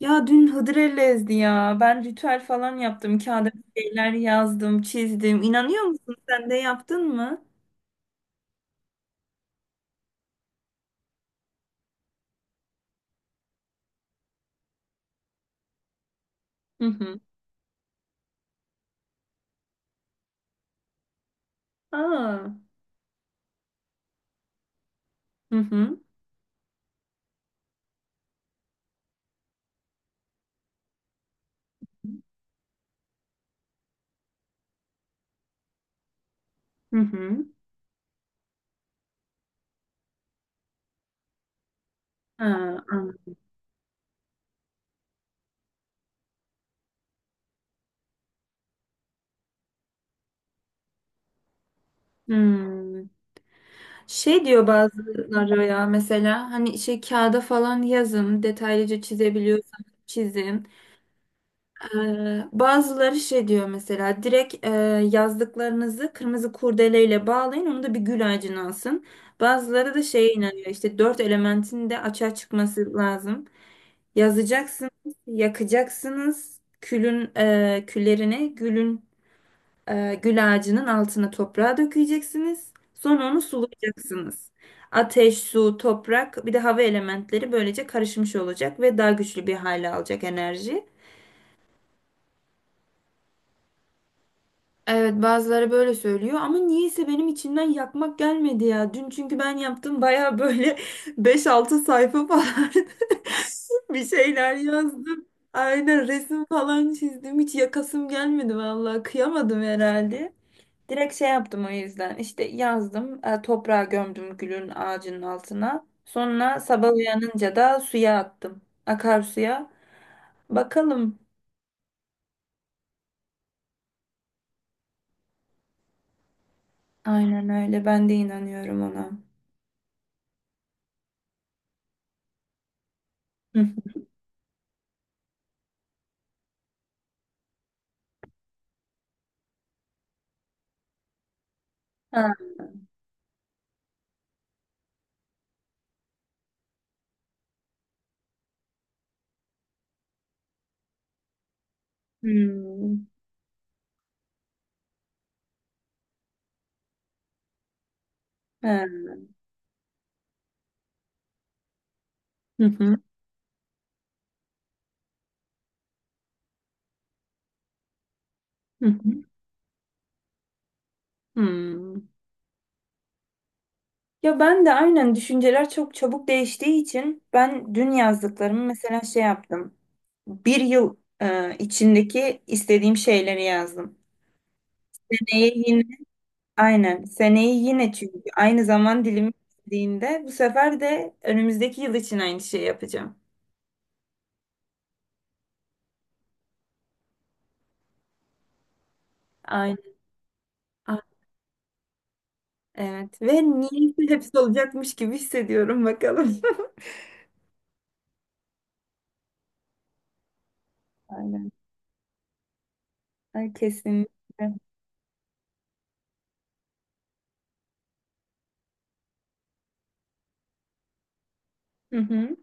Ya dün Hıdrellez'di ya. Ben ritüel falan yaptım. Kağıda bir şeyler yazdım, çizdim. İnanıyor musun? Sen de yaptın mı? Hı hı. Aa. Hı hı. Hı hı. Ha, an- hmm. Şey diyor bazıları ya, mesela hani şey kağıda falan yazın, detaylıca çizebiliyorsanız çizin. Bazıları şey diyor mesela, direkt yazdıklarınızı kırmızı kurdeleyle bağlayın, onu da bir gül ağacına asın. Bazıları da şeye inanıyor, işte dört elementin de açığa çıkması lazım. Yazacaksınız, yakacaksınız, küllerini gül ağacının altına toprağa dökeceksiniz. Sonra onu sulayacaksınız. Ateş, su, toprak bir de hava elementleri böylece karışmış olacak ve daha güçlü bir hale alacak enerji. Evet, bazıları böyle söylüyor ama niyeyse benim içimden yakmak gelmedi ya. Dün çünkü ben yaptım baya böyle beş altı sayfa falan bir şeyler yazdım. Aynen, resim falan çizdim. Hiç yakasım gelmedi, vallahi kıyamadım herhalde. Direkt şey yaptım o yüzden, işte yazdım, toprağa gömdüm gülün ağacının altına. Sonra sabah uyanınca da suya attım, akarsuya. Bakalım. Aynen öyle, ben de inanıyorum ona. Hmm. Ha. Hı hı. Hı hı. Hmm. Ya ben de aynen, düşünceler çok çabuk değiştiği için ben dün yazdıklarımı mesela şey yaptım. Bir yıl içindeki istediğim şeyleri yazdım. Seneye yine, aynen, seneyi yine, çünkü aynı zaman dilimi istediğinde bu sefer de önümüzdeki yıl için aynı şeyi yapacağım. Aynen. Ah, evet, ve niyeyse hepsi olacakmış gibi hissediyorum, bakalım. Aynen. Ay, kesinlikle. Hı hı.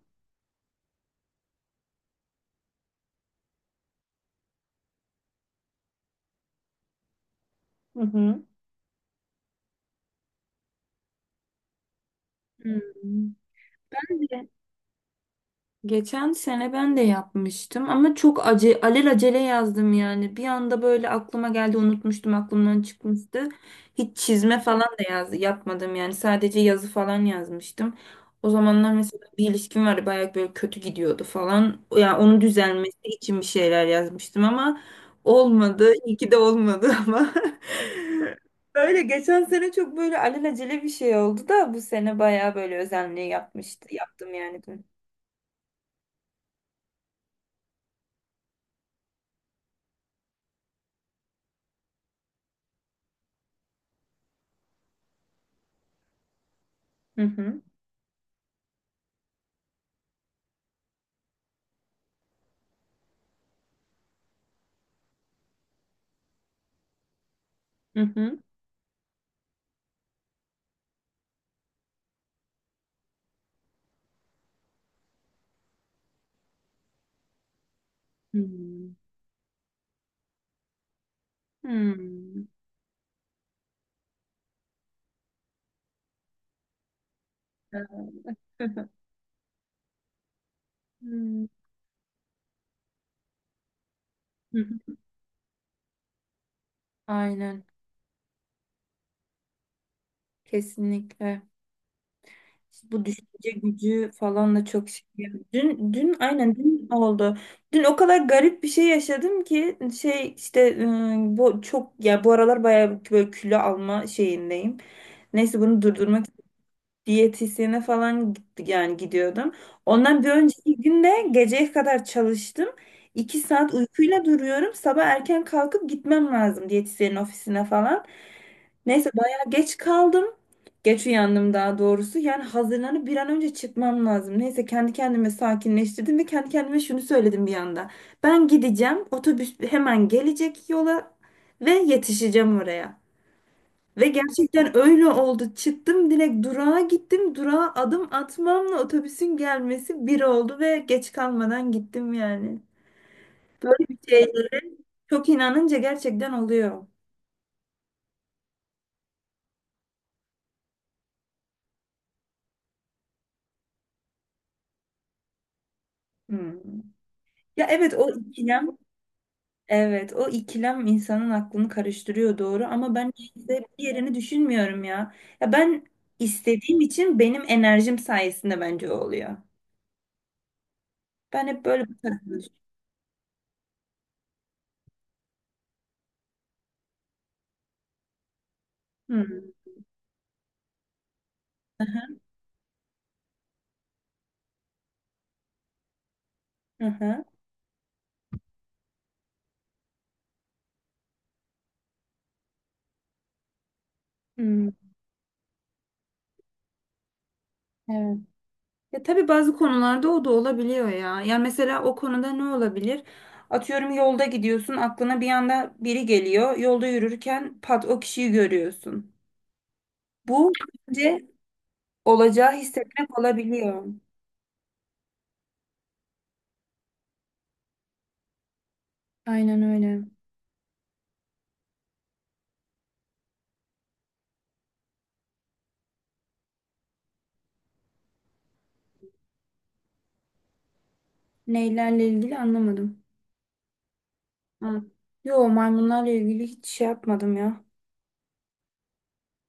Hı hı. Hmm. Ben de Geçen sene ben de yapmıştım ama çok alelacele yazdım yani. Bir anda böyle aklıma geldi, unutmuştum, aklımdan çıkmıştı. Hiç çizme falan da yapmadım yani. Sadece yazı falan yazmıştım. O zamanlar mesela bir ilişkim vardı, bayağı böyle kötü gidiyordu falan. Ya yani onun düzelmesi için bir şeyler yazmıştım ama olmadı. İyi ki de olmadı ama. Öyle geçen sene çok böyle alelacele bir şey oldu da bu sene bayağı böyle özenli yapmıştı. Yaptım yani dün. Hı hı. Hı hı. Hmm. Hmm. Evet. Hmm. Hı hı. Aynen. Kesinlikle. Bu düşünce gücü falan da çok şey. Dün aynen dün oldu. Dün o kadar garip bir şey yaşadım ki, şey işte, bu çok ya, bu aralar bayağı böyle kilo alma şeyindeyim. Neyse bunu durdurmak diyetisyene falan gitti, yani gidiyordum. Ondan bir önceki günde geceye kadar çalıştım. İki saat uykuyla duruyorum. Sabah erken kalkıp gitmem lazım diyetisyenin ofisine falan. Neyse bayağı geç kaldım. Geç uyandım daha doğrusu. Yani hazırlanıp bir an önce çıkmam lazım. Neyse kendi kendime sakinleştirdim ve kendi kendime şunu söyledim bir anda. Ben gideceğim. Otobüs hemen gelecek yola ve yetişeceğim oraya. Ve gerçekten öyle oldu. Çıktım, direkt durağa gittim. Durağa adım atmamla otobüsün gelmesi bir oldu ve geç kalmadan gittim yani. Böyle bir şey, çok inanınca gerçekten oluyor. Hmm. Ya evet, o ikilem insanın aklını karıştırıyor doğru, ama ben işte bir yerini düşünmüyorum ya. Ya ben istediğim için, benim enerjim sayesinde bence o oluyor. Ben hep böyle hmm. Aha, aha, hmm. Evet. Ya tabii bazı konularda o da olabiliyor ya. Yani mesela o konuda ne olabilir? Atıyorum, yolda gidiyorsun, aklına bir anda biri geliyor. Yolda yürürken pat, o kişiyi görüyorsun. Bu bence olacağı hissetmek olabiliyor. Aynen öyle. Neylerle ilgili anlamadım. Ha. Yo, maymunlarla ilgili hiç şey yapmadım ya.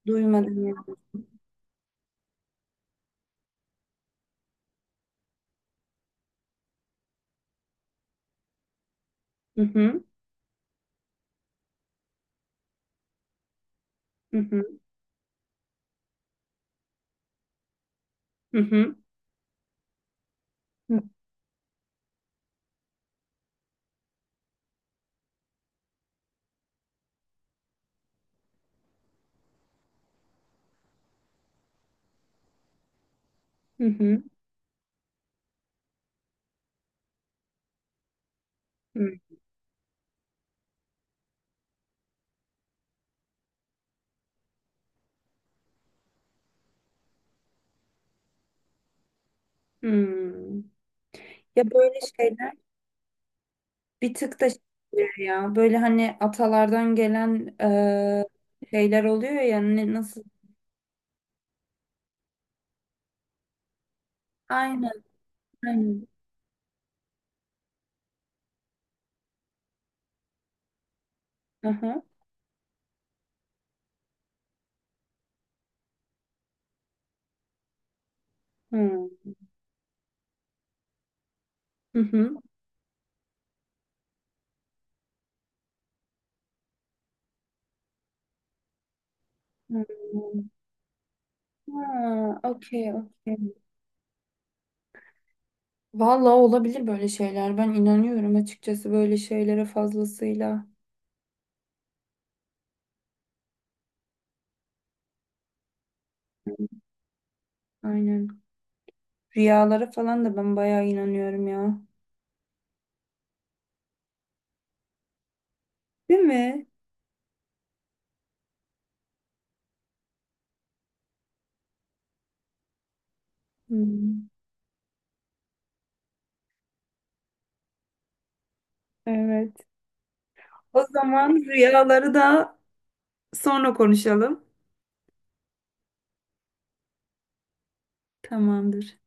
Duymadım ya. Hı hı, hı hı, hı hı, hı hı, hı hı. Hmm. Ya böyle şeyler Bir tık da şey ya, böyle hani atalardan gelen şeyler oluyor ya, ne, nasıl? Aynen, aynen. Aha. Hı. Hı hı. Hı. Ha, okey, okey. Vallahi olabilir böyle şeyler. Ben inanıyorum açıkçası böyle şeylere fazlasıyla. Aynen. Rüyalara falan da ben bayağı inanıyorum ya. Değil mi? Hı. Evet. O zaman rüyaları da sonra konuşalım. Tamamdır.